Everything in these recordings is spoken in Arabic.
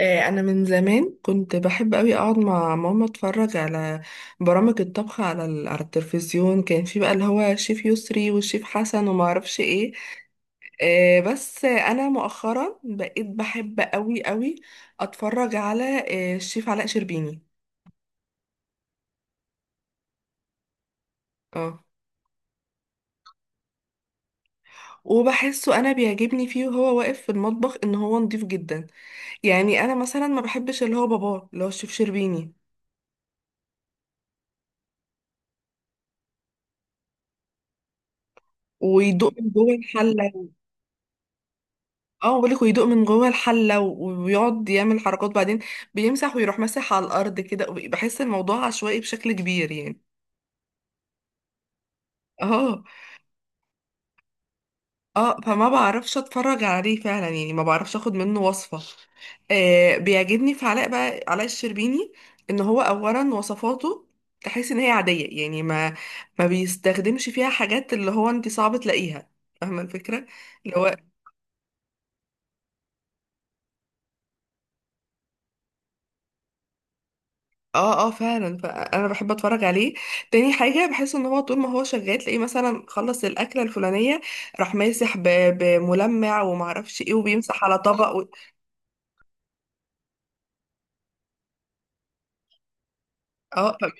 انا من زمان كنت بحب قوي اقعد مع ماما اتفرج على برامج الطبخ على على التلفزيون. كان في بقى اللي هو شيف يسري والشيف حسن وما اعرفش ايه. بس انا مؤخرا بقيت بحب قوي قوي اتفرج على الشيف علاء شربيني. اه، وبحسه انا بيعجبني فيه وهو واقف في المطبخ ان هو نضيف جدا. يعني انا مثلا ما بحبش اللي هو باباه اللي هو الشيف شربيني ويدوق من جوه الحله. اه بالك ويدوق من جوه الحلة ويقعد يعمل حركات بعدين. بيمسح ويروح ماسح على الأرض كده، بحس الموضوع عشوائي بشكل كبير يعني. اه اه، فما بعرفش اتفرج عليه فعلا يعني ما بعرفش اخد منه وصفة. آه بيعجبني في علاء بقى علاء الشربيني. ان هو اولا وصفاته، تحس ان هي عادية، يعني ما بيستخدمش فيها حاجات اللي هو انت صعب تلاقيها. فاهمة الفكرة؟ اللي هو اه اه فعلا، فانا بحب اتفرج عليه. تاني حاجه بحس ان هو طول ما هو شغال تلاقيه مثلا خلص الاكله الفلانيه راح ماسح بملمع ومعرفش ايه، وبيمسح على طبق. اه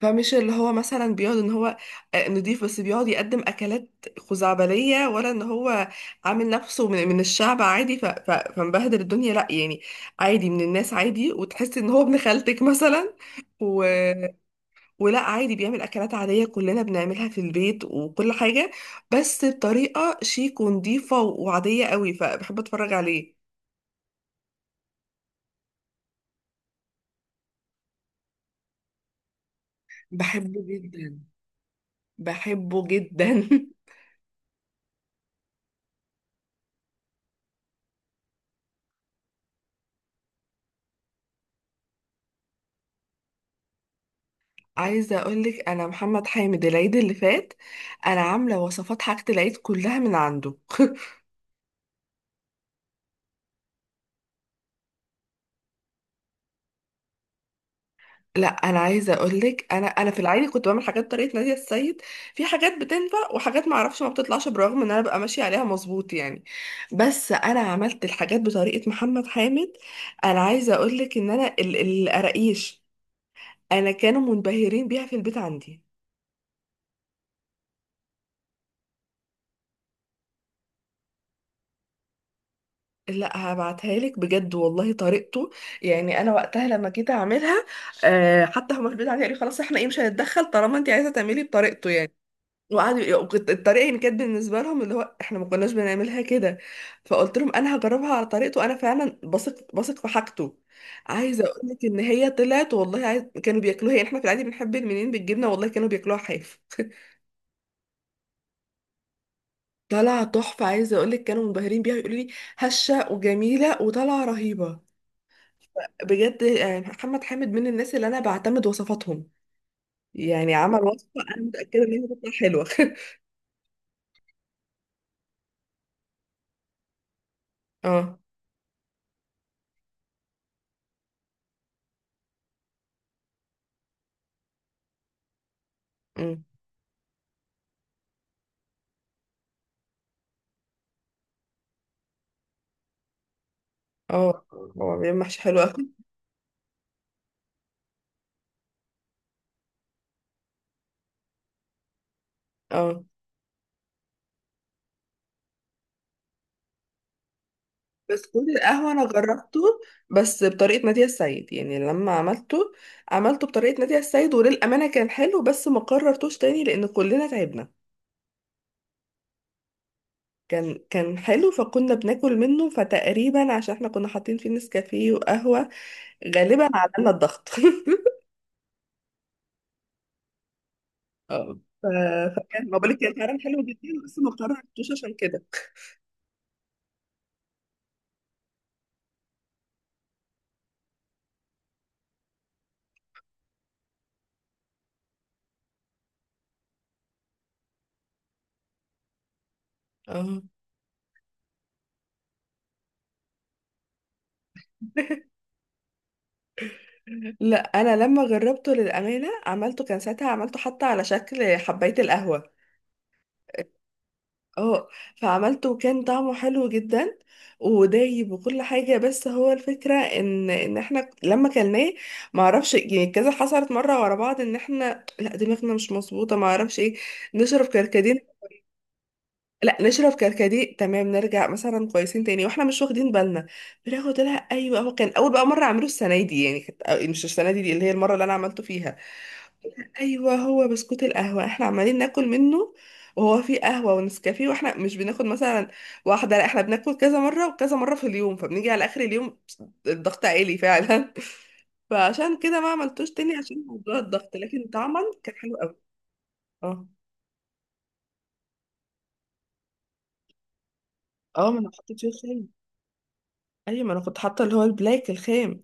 فمش اللي هو مثلا بيقعد ان هو نضيف، بس بيقعد يقدم اكلات خزعبليه، ولا ان هو عامل نفسه من الشعب عادي فمبهدل الدنيا. لا يعني عادي من الناس عادي، وتحس ان هو ابن خالتك مثلا. ولا عادي بيعمل اكلات عاديه كلنا بنعملها في البيت وكل حاجه، بس بطريقه شيك ونضيفه وعاديه قوي، فبحب اتفرج عليه. بحبه جدا. بحبه جدا. عايزه اقولك انا محمد حامد العيد اللي فات انا عامله وصفات حاجه العيد كلها من عنده. لا، انا عايزه اقول لك انا في العادي كنت بعمل حاجات بطريقه ناديه السيد. في حاجات بتنفع وحاجات ما اعرفش ما بتطلعش برغم ان انا ببقى ماشيه عليها مظبوط يعني. بس انا عملت الحاجات بطريقه محمد حامد. انا عايزه اقول لك ان انا القراقيش، انا كانوا منبهرين بيها في البيت عندي. لا هبعتها لك بجد، والله طريقته، يعني انا وقتها لما جيت اعملها، حتى هما في البيت عندي قالوا خلاص احنا ايه مش هنتدخل طالما انت عايزه تعملي بطريقته يعني. وقعدوا، الطريقه يعني كانت بالنسبه لهم اللي هو احنا ما كناش بنعملها كده. فقلت لهم انا هجربها على طريقته، انا فعلا بثق في حاجته. عايزه اقول لك ان هي طلعت، والله كانوا بياكلوها، يعني احنا في العادي بنحب المنين بالجبنه، والله كانوا بياكلوها حاف. طالعه تحفه، عايزه اقول لك كانوا منبهرين بيها يقولوا لي هشه وجميله وطالعه رهيبه. بجد يعني محمد حامد من الناس اللي انا بعتمد وصفاتهم، يعني عمل وصفه انا متاكده ان هي هتطلع حلوه. اه. أمم. اه هو بيعمل محشي حلو أوي. اه بسكوت القهوة أنا جربته بس بطريقة نادية السيد. يعني لما عملته عملته بطريقة نادية السيد، وللأمانة كان حلو بس ما قررتوش تاني لأن كلنا تعبنا. كان حلو فكنا بناكل منه، فتقريبا عشان احنا كنا حاطين فيه نسكافيه وقهوة غالبا عملنا الضغط. اه فكان ما بقولك كان فعلا حلو جدا، بس ما قررتوش عشان كده. اه. لا انا لما جربته للامانه عملته، كان ساعتها عملته حتى على شكل حبايه القهوه. اه فعملته وكان طعمه حلو جدا ودايب وكل حاجة. بس هو الفكرة ان احنا لما كلناه معرفش يعني كذا حصلت مرة ورا بعض، ان احنا لا دماغنا مش مظبوطة، معرفش ايه، نشرب كركديه. لا نشرب كركديه تمام نرجع مثلا كويسين تاني، واحنا مش واخدين بالنا بناخد لها. ايوه هو كان اول بقى مرة اعمله السنة دي، يعني كانت مش السنة دي, دي اللي هي المرة اللي انا عملته فيها. ايوه هو بسكوت القهوه احنا عمالين ناكل منه، وهو فيه قهوه ونسكافيه، واحنا مش بناخد مثلا واحده، لا احنا بناكل كذا مره وكذا مره في اليوم، فبنيجي على اخر اليوم الضغط عالي فعلا. فعشان كده ما عملتوش تاني عشان موضوع الضغط، لكن طعما كان حلو قوي. اه. اه ما انا حطيت فيه خام. ايوه ما انا كنت حاطه اللي هو البلاك الخام.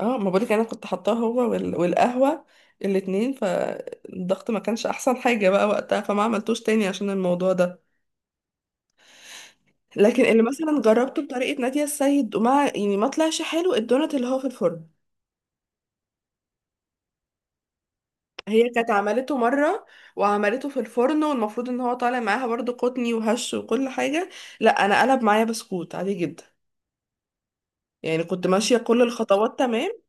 اه ما بقولك انا كنت حاطاه هو والقهوه الاتنين، فالضغط ما كانش احسن حاجه بقى وقتها، فما عملتوش تاني عشان الموضوع ده. لكن اللي مثلا جربته بطريقة نادية السيد وما يعني ما طلعش حلو الدونات اللي هو في الفرن. هي كانت عملته مرة وعملته في الفرن، والمفروض ان هو طالع معاها برضو قطني وهش وكل حاجة. لا انا قلب معايا بسكوت عادي جدا. يعني كنت ماشية كل الخطوات تمام.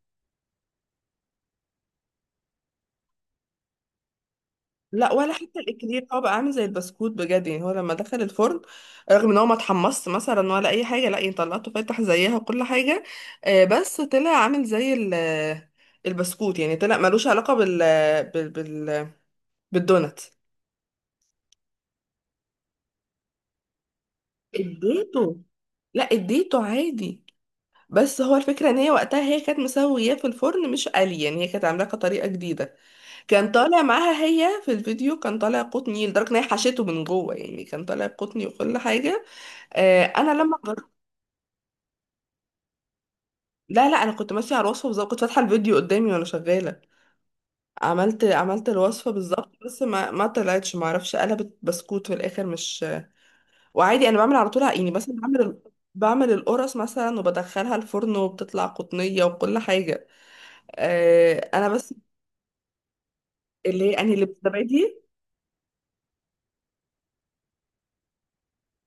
لا، ولا حتى الاكلير، هو بقى عامل زي البسكوت بجد يعني. هو لما دخل الفرن رغم ان هو ما اتحمص مثلا ولا اي حاجة، لا يعني طلعته فاتح زيها وكل حاجة، بس طلع عامل زي البسكوت. يعني طلع ملوش علاقة بال بال بالدونات. اديته. لا اديته عادي. بس هو الفكرة ان هي وقتها هي كانت مسوياه في الفرن مش قلي، يعني هي كانت عاملاه كطريقة جديدة. كان طالع معاها هي في الفيديو كان طالع قطني لدرجة ان هي حشته من جوه، يعني كان طالع قطني وكل حاجة. آه انا لما جربت. لا انا كنت ماشية على الوصفة بالظبط، كنت فاتحة الفيديو قدامي وانا شغالة. عملت الوصفة بالظبط، بس ما طلعتش ما اعرفش، قلبت بسكوت في الاخر مش. وعادي انا بعمل على طول يعني مثلا بعمل، بعمل القرص مثلا وبدخلها الفرن وبتطلع قطنية وكل حاجة. آه انا بس. اللي هي يعني اللي بتزبادي.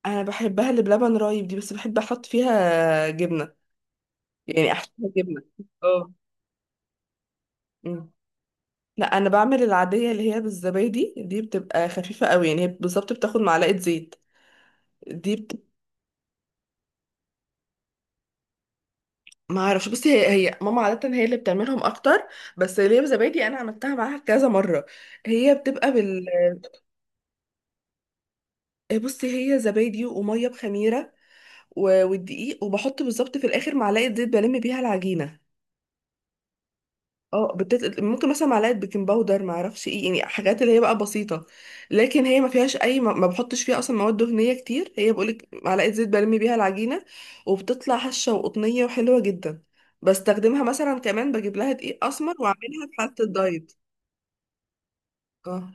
انا بحبها اللي بلبن رايب دي، بس بحب احط فيها جبنة، يعني احشيها جبنة. اه. أمم. لا انا بعمل العادية اللي هي بالزبادي دي بتبقى خفيفة قوي، يعني هي بالظبط بتاخد معلقة زيت. دي بت... ما اعرفش، بس هي ماما عادة هي اللي بتعملهم اكتر، بس اللي هي بزبادي انا عملتها معاها كذا مرة. هي بتبقى بال. بصي هي زبادي وميه بخميره والدقيق، وبحط بالظبط في الاخر معلقه زيت بلم بيها العجينه. اه ممكن مثلا معلقه بيكنج باودر ما اعرفش ايه، يعني حاجات اللي هي بقى بسيطه. لكن هي ما فيهاش اي ما بحطش فيها اصلا مواد دهنيه كتير. هي بقولك معلقه زيت بلم بيها العجينه وبتطلع هشه وقطنيه وحلوه جدا. بستخدمها مثلا كمان بجيب لها دقيق اسمر واعملها في حاله الدايت. اه.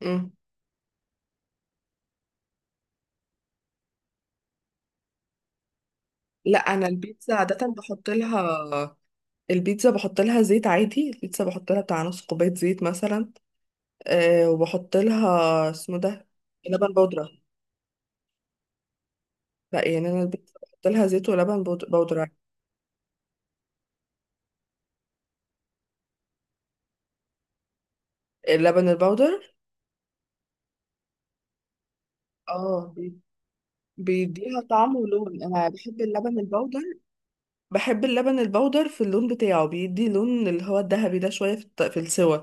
امم. لا انا البيتزا عاده بحط لها، البيتزا بحط لها زيت عادي، البيتزا بحط لها بتاع نص كوباية زيت مثلا. أه وبحط لها اسمه ده لبن بودرة. لا يعني انا البيتزا بحط لها زيت ولبن بودرة. اللبن البودر. اه بي- بيديها طعم ولون. انا بحب اللبن البودر. بحب اللبن البودر في اللون بتاعه، بيدي لون اللي هو الذهبي ده شوية في السوا.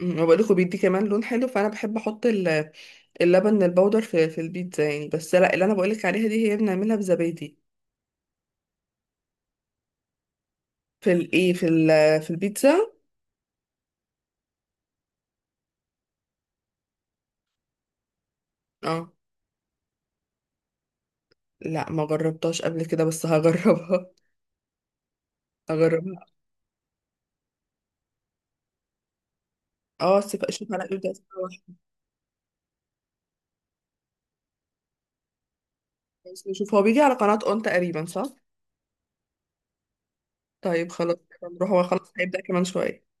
أمم، وبقول لكم بيدي كمان لون حلو، فانا بحب احط اللبن البودر في البيتزا يعني. بس لا اللي انا بقولك عليها دي هي بنعملها بزبادي. في الايه في ال في البيتزا. اه لا ما جربتهاش قبل كده بس هجربها. هجربها. اه، سيب اشوف على يبدأ. نشوف هو بيجي على قناة اون تقريبا صح. طيب خلاص نروح هو خلاص هيبدأ كمان شوية.